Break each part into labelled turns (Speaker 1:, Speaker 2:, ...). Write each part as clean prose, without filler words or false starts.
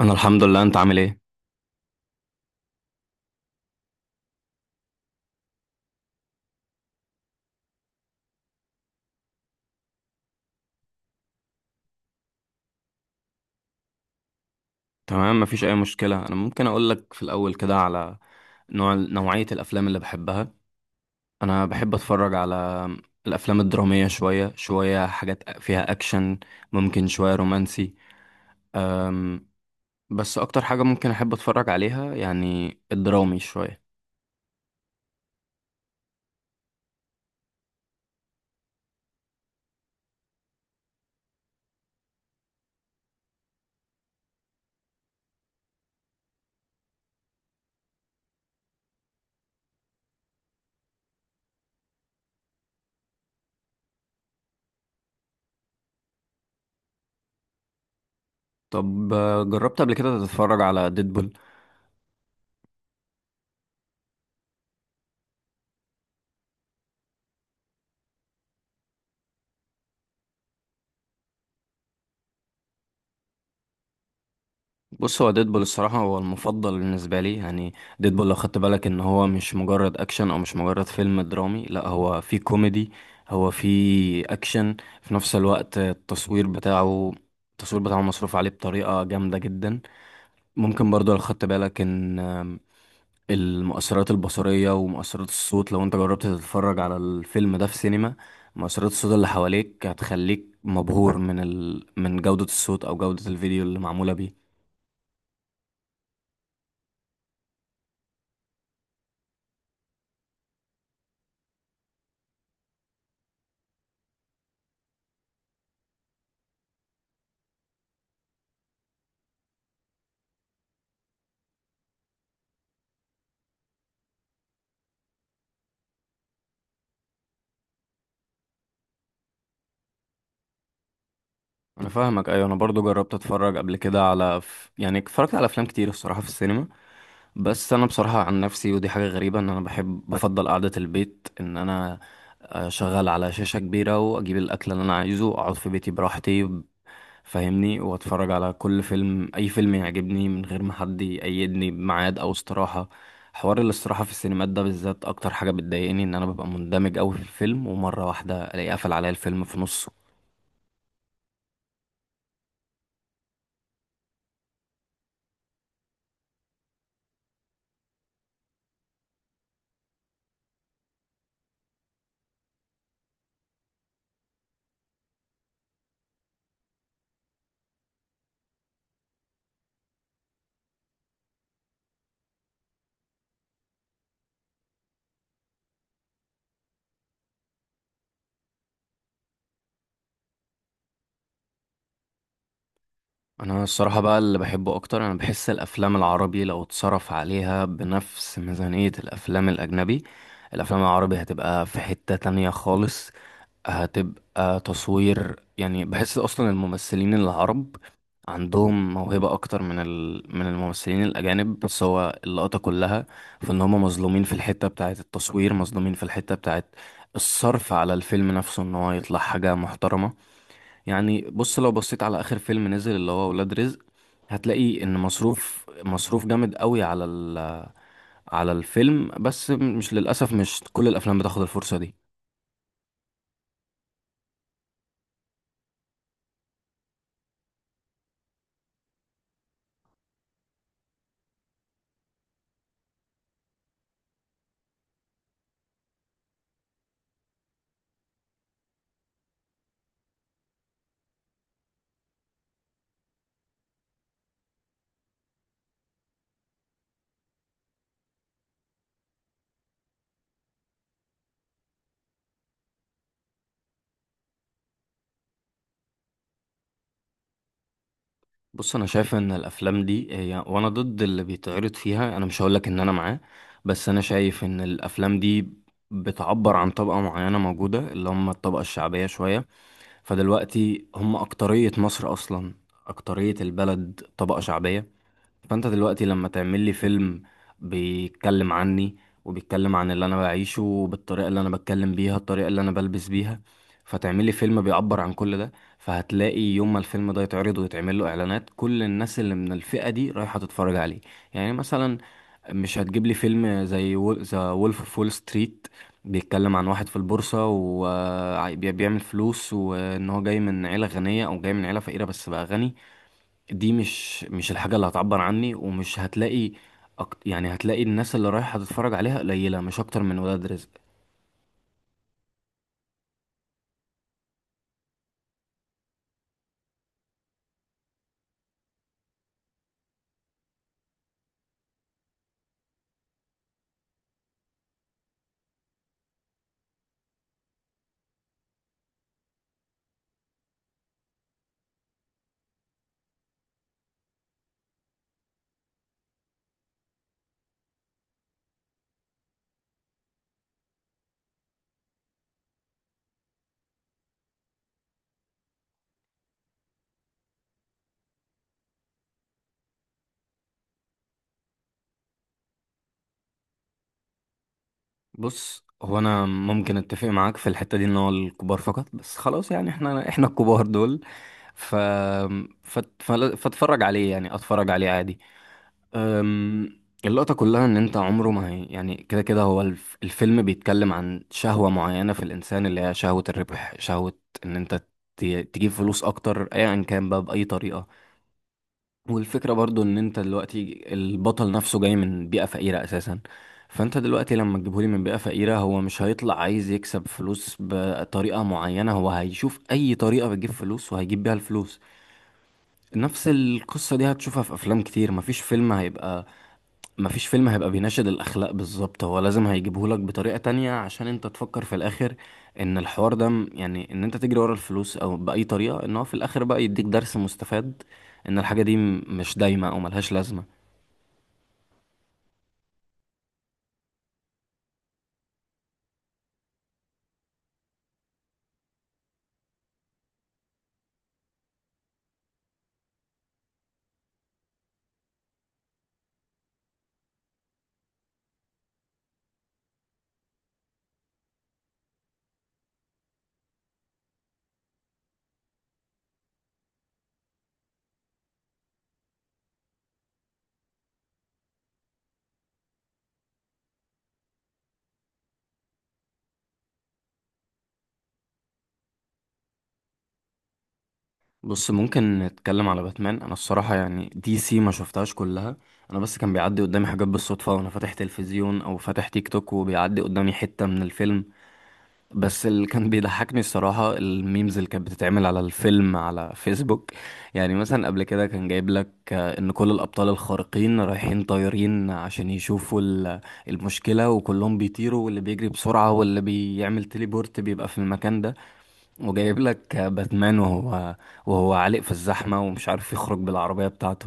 Speaker 1: انا الحمد لله، انت عامل ايه؟ تمام، مفيش اي مشكله. انا ممكن اقول لك في الاول كده على نوعيه الافلام اللي بحبها. انا بحب اتفرج على الافلام الدراميه، شويه حاجات فيها اكشن، ممكن شويه رومانسي. أم بس اكتر حاجه ممكن احب اتفرج عليها يعني الدرامي شويه. طب جربت قبل كده تتفرج على ديدبول؟ بص، هو ديدبول الصراحة هو المفضل بالنسبة لي. يعني ديدبول لو خدت بالك ان هو مش مجرد اكشن او مش مجرد فيلم درامي، لا، هو فيه كوميدي، هو فيه اكشن في نفس الوقت. التصوير بتاعه مصروف عليه بطريقة جامدة جدا. ممكن برضو لو خدت بالك ان المؤثرات البصرية ومؤثرات الصوت، لو انت جربت تتفرج على الفيلم ده في سينما، مؤثرات الصوت اللي حواليك هتخليك مبهور من جودة الصوت او جودة الفيديو اللي معمولة بيه. انا فاهمك، ايوه، انا برضو جربت اتفرج قبل كده على يعني اتفرجت على افلام كتير الصراحه في السينما، بس انا بصراحه عن نفسي، ودي حاجه غريبه، ان انا بحب، بفضل قعده البيت، ان انا اشغل على شاشه كبيره واجيب الاكل اللي انا عايزه، اقعد في بيتي براحتي، فاهمني، واتفرج على كل فيلم، اي فيلم يعجبني، من غير ما حد يقيدني بميعاد او استراحه. حوار الاستراحه في السينمات ده بالذات اكتر حاجه بتضايقني، ان انا ببقى مندمج قوي في الفيلم، ومره واحده الاقي قفل عليا الفيلم في نصه. انا الصراحه بقى اللي بحبه اكتر، انا بحس الافلام العربي لو اتصرف عليها بنفس ميزانيه الافلام الاجنبي، الافلام العربي هتبقى في حته تانية خالص. هتبقى تصوير، يعني بحس اصلا الممثلين العرب عندهم موهبه اكتر من الممثلين الاجانب، بس هو اللقطه كلها في ان هم مظلومين في الحته بتاعه التصوير، مظلومين في الحته بتاعه الصرف على الفيلم نفسه، ان هو يطلع حاجه محترمه. يعني بص، لو بصيت على اخر فيلم نزل اللي هو ولاد رزق، هتلاقي ان مصروف جامد قوي على الفيلم، بس مش، للاسف مش كل الافلام بتاخد الفرصه دي. بص، انا شايف ان الافلام دي، هي وانا ضد اللي بيتعرض فيها، انا مش هقولك ان انا معاه، بس انا شايف ان الافلام دي بتعبر عن طبقة معينة موجودة، اللي هم الطبقة الشعبية شوية. فدلوقتي هم أكترية مصر أصلا، أكترية البلد طبقة شعبية. فانت دلوقتي لما تعمل لي فيلم بيتكلم عني، وبيتكلم عن اللي انا بعيشه، بالطريقه اللي انا بتكلم بيها، الطريقه اللي انا بلبس بيها، فتعمل لي فيلم بيعبر عن كل ده، فهتلاقي يوم ما الفيلم ده يتعرض ويتعمل له اعلانات، كل الناس اللي من الفئه دي رايحه تتفرج عليه. يعني مثلا، مش هتجيب لي فيلم زي ذا وولف اوف وول ستريت بيتكلم عن واحد في البورصة وبيعمل فلوس، وإن هو جاي من عيلة غنية أو جاي من عيلة فقيرة بس بقى غني. دي مش الحاجة اللي هتعبر عني، ومش هتلاقي يعني هتلاقي الناس اللي رايحة تتفرج عليها قليلة، مش أكتر من ولاد رزق. بص، هو أنا ممكن أتفق معاك في الحتة دي، إن هو الكبار فقط، بس خلاص يعني، إحنا الكبار دول، ف... فاتفرج عليه يعني، أتفرج عليه عادي. اللقطة كلها إن أنت عمره ما هي، يعني كده كده هو الفيلم بيتكلم عن شهوة معينة في الإنسان، اللي هي شهوة الربح، شهوة إن أنت ت- تجيب فلوس أكتر، أيا كان بقى بأي طريقة. والفكرة برضو ان انت دلوقتي البطل نفسه جاي من بيئة فقيرة اساسا، فانت دلوقتي لما تجيبهولي من بيئة فقيرة، هو مش هيطلع عايز يكسب فلوس بطريقة معينة، هو هيشوف اي طريقة بتجيب فلوس وهيجيب بيها الفلوس. نفس القصة دي هتشوفها في افلام كتير. مفيش فيلم هيبقى، مفيش فيلم هيبقى بيناشد الأخلاق بالظبط، هو لازم هيجيبهولك بطريقة تانية، عشان انت تفكر في الآخر ان الحوار ده يعني ان انت تجري ورا الفلوس او بأي طريقة، ان هو في الآخر بقى يديك درس مستفاد، ان الحاجة دي مش دايمة او ملهاش لازمة. بص، ممكن نتكلم على باتمان. انا الصراحة يعني دي سي ما شفتهاش كلها، انا بس كان بيعدي قدامي حاجات بالصدفة وانا فاتح تلفزيون او فاتح تيك توك، وبيعدي قدامي حتة من الفيلم. بس اللي كان بيضحكني الصراحة الميمز اللي كانت بتتعمل على الفيلم على فيسبوك. يعني مثلا قبل كده كان جايب لك ان كل الأبطال الخارقين رايحين طايرين عشان يشوفوا المشكلة، وكلهم بيطيروا، واللي بيجري بسرعة واللي بيعمل تليبورت بيبقى في المكان ده، وجايب لك باتمان وهو عالق في الزحمة ومش عارف يخرج بالعربية بتاعته.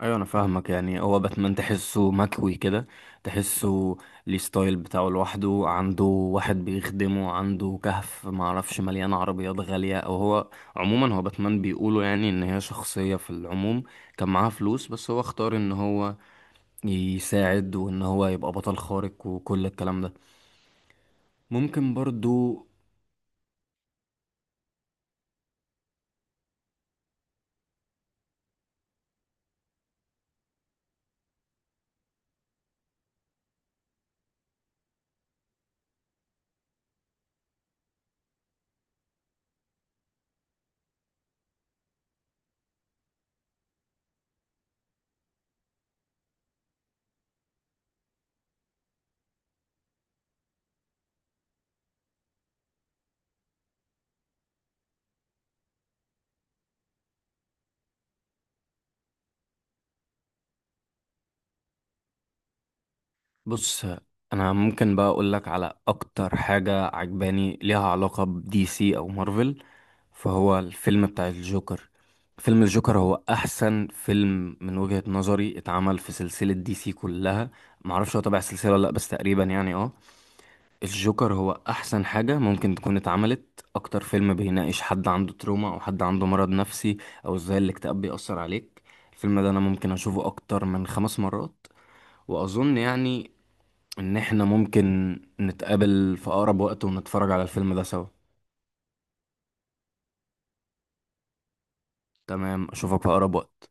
Speaker 1: ايوه انا فاهمك، يعني هو باتمان تحسه مكوي كده، تحسه ليه ستايل بتاعه لوحده، عنده واحد بيخدمه، عنده كهف معرفش مليان عربيات غالية. او هو عموما، هو باتمان بيقولوا يعني ان هي شخصية في العموم كان معاها فلوس، بس هو اختار ان هو يساعد وان هو يبقى بطل خارق وكل الكلام ده. ممكن برضو. بص، انا ممكن بقى اقول لك على اكتر حاجة عجباني ليها علاقة بدي سي او مارفل، فهو الفيلم بتاع الجوكر. فيلم الجوكر هو احسن فيلم من وجهة نظري اتعمل في سلسلة دي سي كلها، معرفش هو تبع السلسلة ولا لا، بس تقريبا يعني اه، الجوكر هو احسن حاجة ممكن تكون اتعملت. اكتر فيلم بيناقش حد عنده تروما او حد عنده مرض نفسي، او ازاي الاكتئاب بيأثر عليك. الفيلم ده انا ممكن اشوفه اكتر من 5 مرات. واظن يعني ان احنا ممكن نتقابل في اقرب وقت ونتفرج على الفيلم ده سوا. تمام، اشوفك في اقرب وقت.